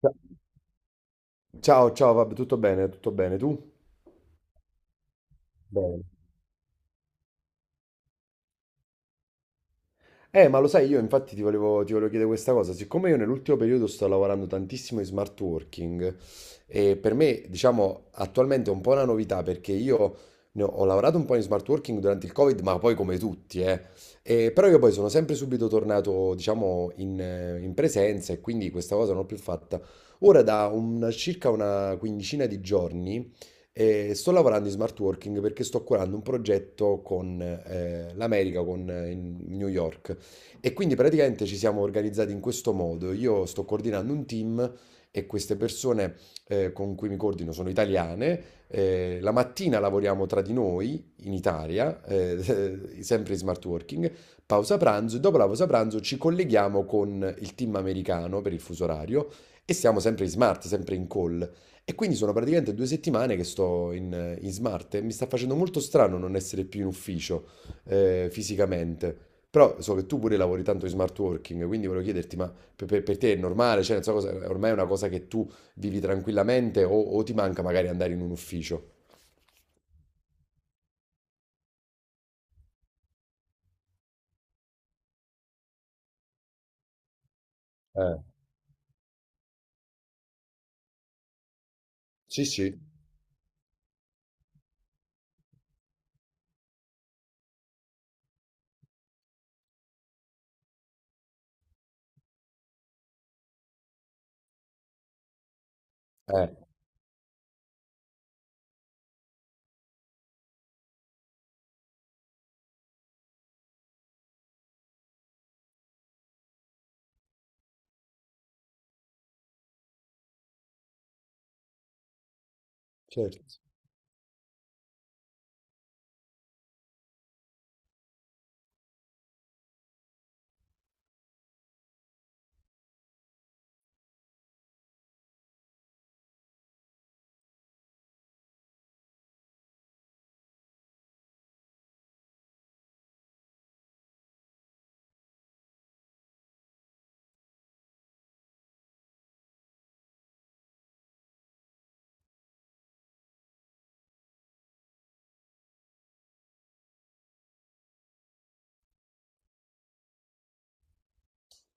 Ciao, ciao, ciao, vabbè, tutto bene, tutto bene. Tu? Bene. Ma lo sai, io infatti ti volevo chiedere questa cosa. Siccome io nell'ultimo periodo sto lavorando tantissimo in smart working, e per me, diciamo, attualmente è un po' una novità perché io ho lavorato un po' in smart working durante il Covid, ma poi come tutti, eh. E però io poi sono sempre subito tornato, diciamo, in presenza e quindi questa cosa non l'ho più fatta. Ora circa una quindicina di giorni sto lavorando in smart working perché sto curando un progetto con l'America, con in New York. E quindi praticamente ci siamo organizzati in questo modo. Io sto coordinando un team e queste persone con cui mi coordino sono italiane. La mattina lavoriamo tra di noi in Italia, sempre in smart working, pausa pranzo e dopo la pausa pranzo ci colleghiamo con il team americano per il fuso orario e siamo sempre in smart, sempre in call. E quindi sono praticamente 2 settimane che sto in smart e mi sta facendo molto strano non essere più in ufficio fisicamente. Però so che tu pure lavori tanto in smart working, quindi volevo chiederti, ma per te è normale? Cioè, non so cosa, è ormai è una cosa che tu vivi tranquillamente o ti manca magari andare in un ufficio? Eh, sì, sì, eh, certo.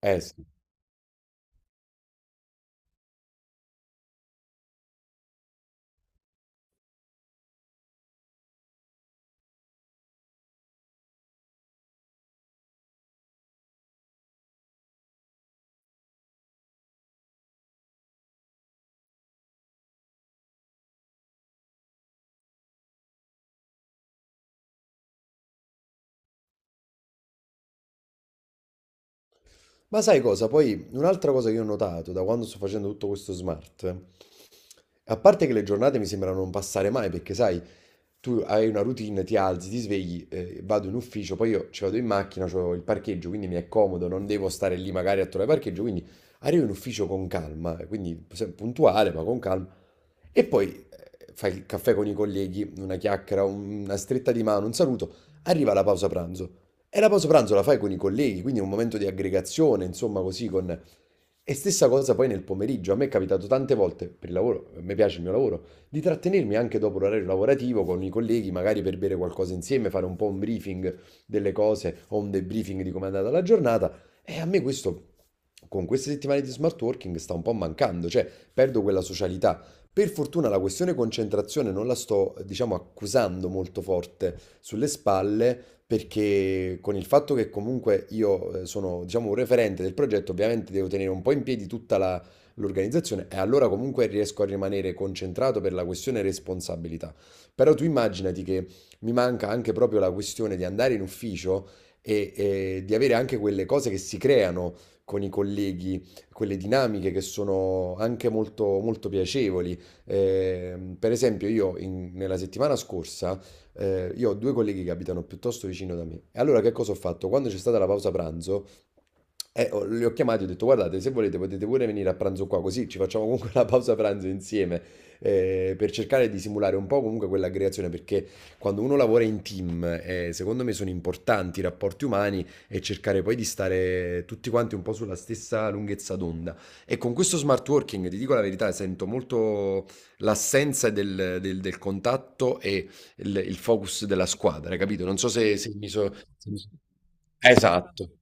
Eh sì. Ma sai cosa? Poi un'altra cosa che ho notato da quando sto facendo tutto questo smart. A parte che le giornate mi sembrano non passare mai, perché sai, tu hai una routine, ti alzi, ti svegli, vado in ufficio, poi io ci vado in macchina, ho il parcheggio, quindi mi è comodo, non devo stare lì magari a trovare parcheggio, quindi arrivo in ufficio con calma, quindi puntuale, ma con calma. E poi fai il caffè con i colleghi, una chiacchiera, una stretta di mano, un saluto, arriva la pausa pranzo. E la pausa pranzo la fai con i colleghi, quindi è un momento di aggregazione, insomma, così con... E stessa cosa poi nel pomeriggio, a me è capitato tante volte, per il lavoro, a me piace il mio lavoro, di trattenermi anche dopo l'orario lavorativo con i colleghi, magari per bere qualcosa insieme, fare un po' un briefing delle cose o un debriefing di come è andata la giornata. E a me questo, con queste settimane di smart working, sta un po' mancando, cioè perdo quella socialità. Per fortuna la questione concentrazione non la sto, diciamo, accusando molto forte sulle spalle, perché con il fatto che comunque io sono, diciamo, un referente del progetto, ovviamente devo tenere un po' in piedi l'organizzazione e allora comunque riesco a rimanere concentrato per la questione responsabilità. Però tu immaginati che mi manca anche proprio la questione di andare in ufficio e di avere anche quelle cose che si creano con i colleghi, quelle dinamiche che sono anche molto, molto piacevoli. Per esempio, io nella settimana scorsa, io ho due colleghi che abitano piuttosto vicino da me. E allora che cosa ho fatto? Quando c'è stata la pausa pranzo, li ho chiamati e ho detto, guardate, se volete potete pure venire a pranzo qua, così ci facciamo comunque la pausa pranzo insieme, per cercare di simulare un po' comunque quell'aggregazione, perché quando uno lavora in team, secondo me sono importanti i rapporti umani e cercare poi di stare tutti quanti un po' sulla stessa lunghezza d'onda. E con questo smart working, ti dico la verità, sento molto l'assenza del contatto e il focus della squadra, capito? Non so se se mi so se mi so Esatto.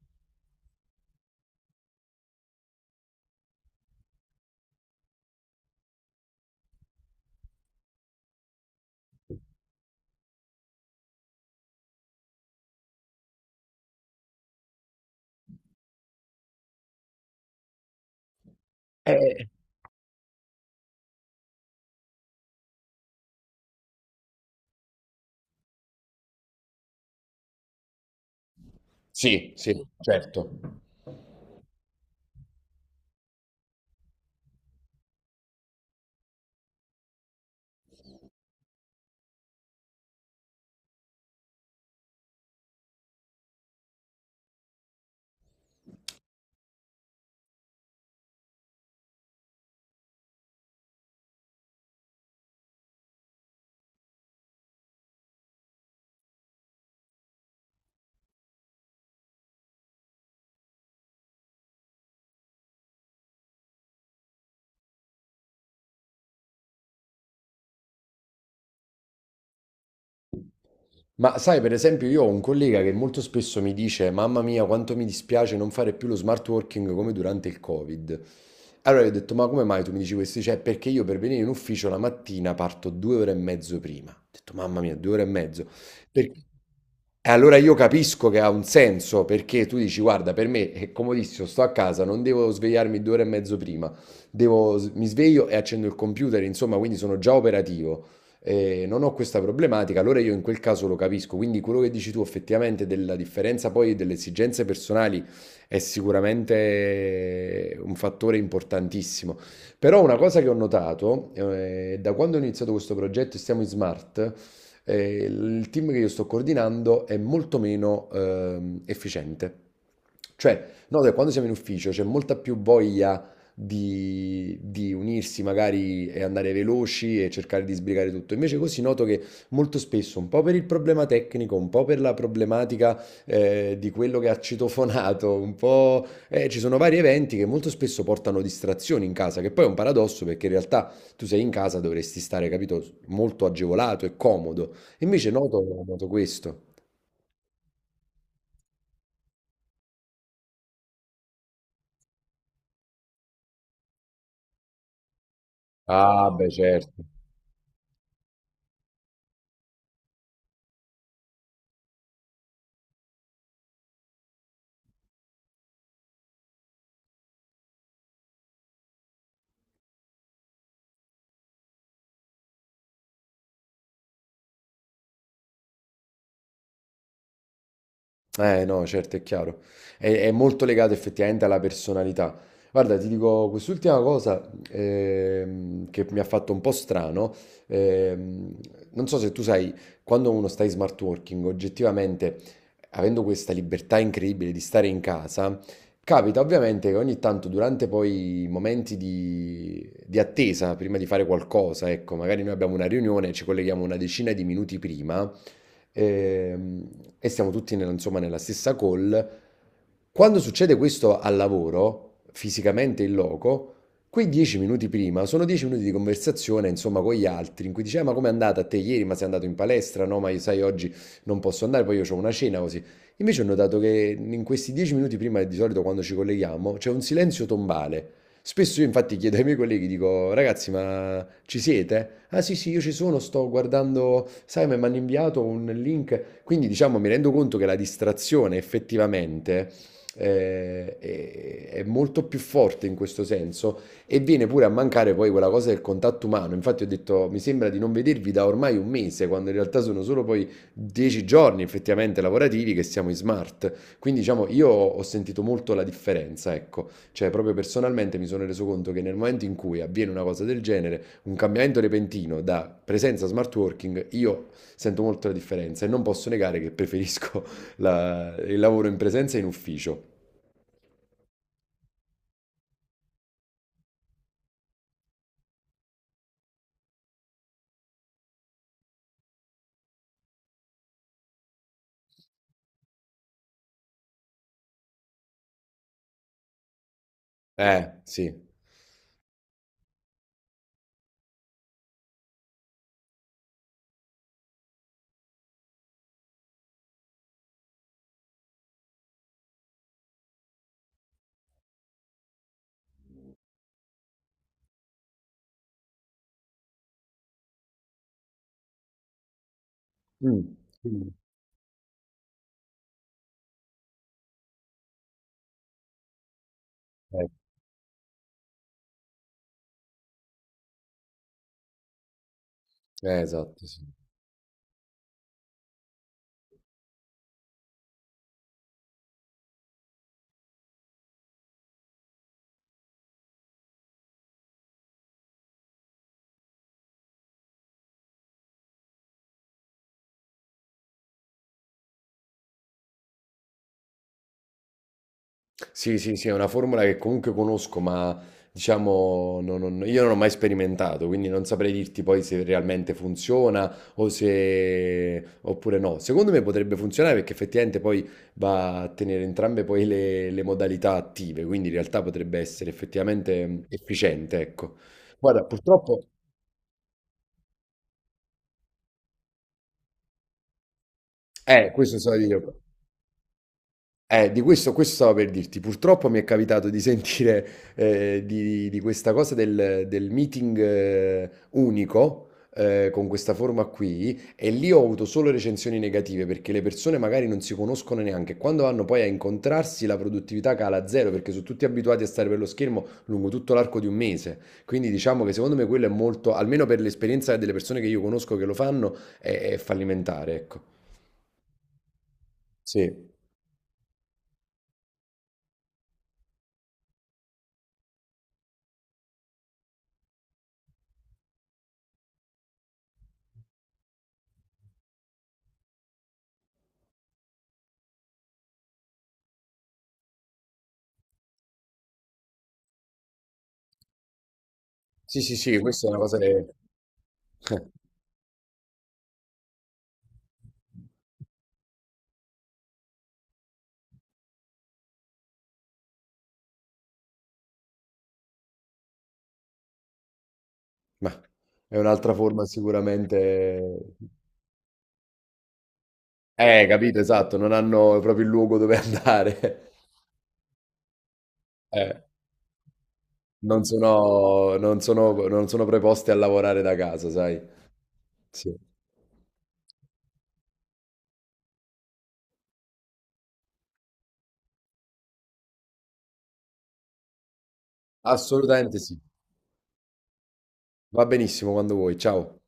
Eh, sì, sì, certo. Ma sai, per esempio, io ho un collega che molto spesso mi dice: Mamma mia, quanto mi dispiace non fare più lo smart working come durante il Covid. Allora gli ho detto: Ma come mai tu mi dici questo? Cioè, perché io per venire in ufficio la mattina parto 2 ore e mezzo prima. Ho detto: Mamma mia, 2 ore e mezzo. Perché- E allora io capisco che ha un senso perché tu dici: Guarda, per me è comodissimo, sto a casa, non devo svegliarmi 2 ore e mezzo prima. Mi sveglio e accendo il computer, insomma, quindi sono già operativo non ho questa problematica, allora io in quel caso lo capisco. Quindi quello che dici tu effettivamente della differenza poi delle esigenze personali è sicuramente un fattore importantissimo. Però una cosa che ho notato, da quando ho iniziato questo progetto e stiamo in smart, il team che io sto coordinando è molto meno efficiente. Cioè, no, da quando siamo in ufficio c'è molta più voglia di unirsi magari e andare veloci e cercare di sbrigare tutto. Invece così noto che molto spesso, un po' per il problema tecnico, un po' per la problematica di quello che ha citofonato, un po' ci sono vari eventi che molto spesso portano distrazioni in casa, che poi è un paradosso perché in realtà tu sei in casa, dovresti stare, capito, molto agevolato e comodo. Invece noto questo. Ah, beh, certo. Eh no, certo, è chiaro. È molto legato effettivamente alla personalità. Guarda, ti dico quest'ultima cosa che mi ha fatto un po' strano. ehm, Non so se tu sai, quando uno sta in smart working, oggettivamente, avendo questa libertà incredibile di stare in casa, capita ovviamente che ogni tanto durante poi i momenti di attesa, prima di fare qualcosa, ecco, magari noi abbiamo una riunione, ci colleghiamo una decina di minuti prima ehm, e siamo tutti nella, insomma, nella stessa call. Quando succede questo al lavoro, fisicamente in loco, quei 10 minuti prima sono 10 minuti di conversazione, insomma, con gli altri, in cui dice, "Ah, ma com'è andata a te ieri? Ma sei andato in palestra? No, ma io, sai, oggi non posso andare, poi io ho una cena, così." Invece ho notato che in questi 10 minuti prima, di solito quando ci colleghiamo, c'è un silenzio tombale. Spesso io infatti chiedo ai miei colleghi, dico, ragazzi, ma ci siete? Ah sì, sì, io ci sono, sto guardando, sai, ma mi hanno inviato un link. Quindi diciamo, mi rendo conto che la distrazione effettivamente è molto più forte in questo senso e viene pure a mancare poi quella cosa del contatto umano. Infatti ho detto, mi sembra di non vedervi da ormai un mese, quando in realtà sono solo poi 10 giorni effettivamente lavorativi che siamo in smart. Quindi diciamo, io ho sentito molto la differenza, ecco. Cioè, proprio personalmente mi sono reso conto che nel momento in cui avviene una cosa del genere, un cambiamento repentino da presenza a smart working, io sento molto la differenza e non posso negare che preferisco il lavoro in presenza e in ufficio. Sì. Mm. Mm. Eh, esatto, sì. Sì, sì, sì, è una formula che comunque conosco, ma diciamo io non ho mai sperimentato, quindi non saprei dirti poi se realmente funziona o se... oppure no. Secondo me potrebbe funzionare perché effettivamente poi va a tenere entrambe poi le modalità attive, quindi in realtà potrebbe essere effettivamente efficiente, ecco. Guarda, purtroppo... Questo so io. Di questo, questo stavo per dirti. Purtroppo mi è capitato di sentire di questa cosa del meeting unico con questa forma qui e lì ho avuto solo recensioni negative perché le persone magari non si conoscono neanche. Quando vanno poi a incontrarsi la produttività cala a zero perché sono tutti abituati a stare per lo schermo lungo tutto l'arco di un mese. Quindi diciamo che secondo me quello è molto, almeno per l'esperienza delle persone che io conosco che lo fanno, è fallimentare, ecco. Sì, sì, sì, sì, questa è una cosa che... Mah, è un'altra forma sicuramente capito, esatto, non hanno proprio il luogo dove andare. Eh, non sono preposti a lavorare da casa, sai. Sì. Assolutamente sì. Va benissimo, quando vuoi. Ciao.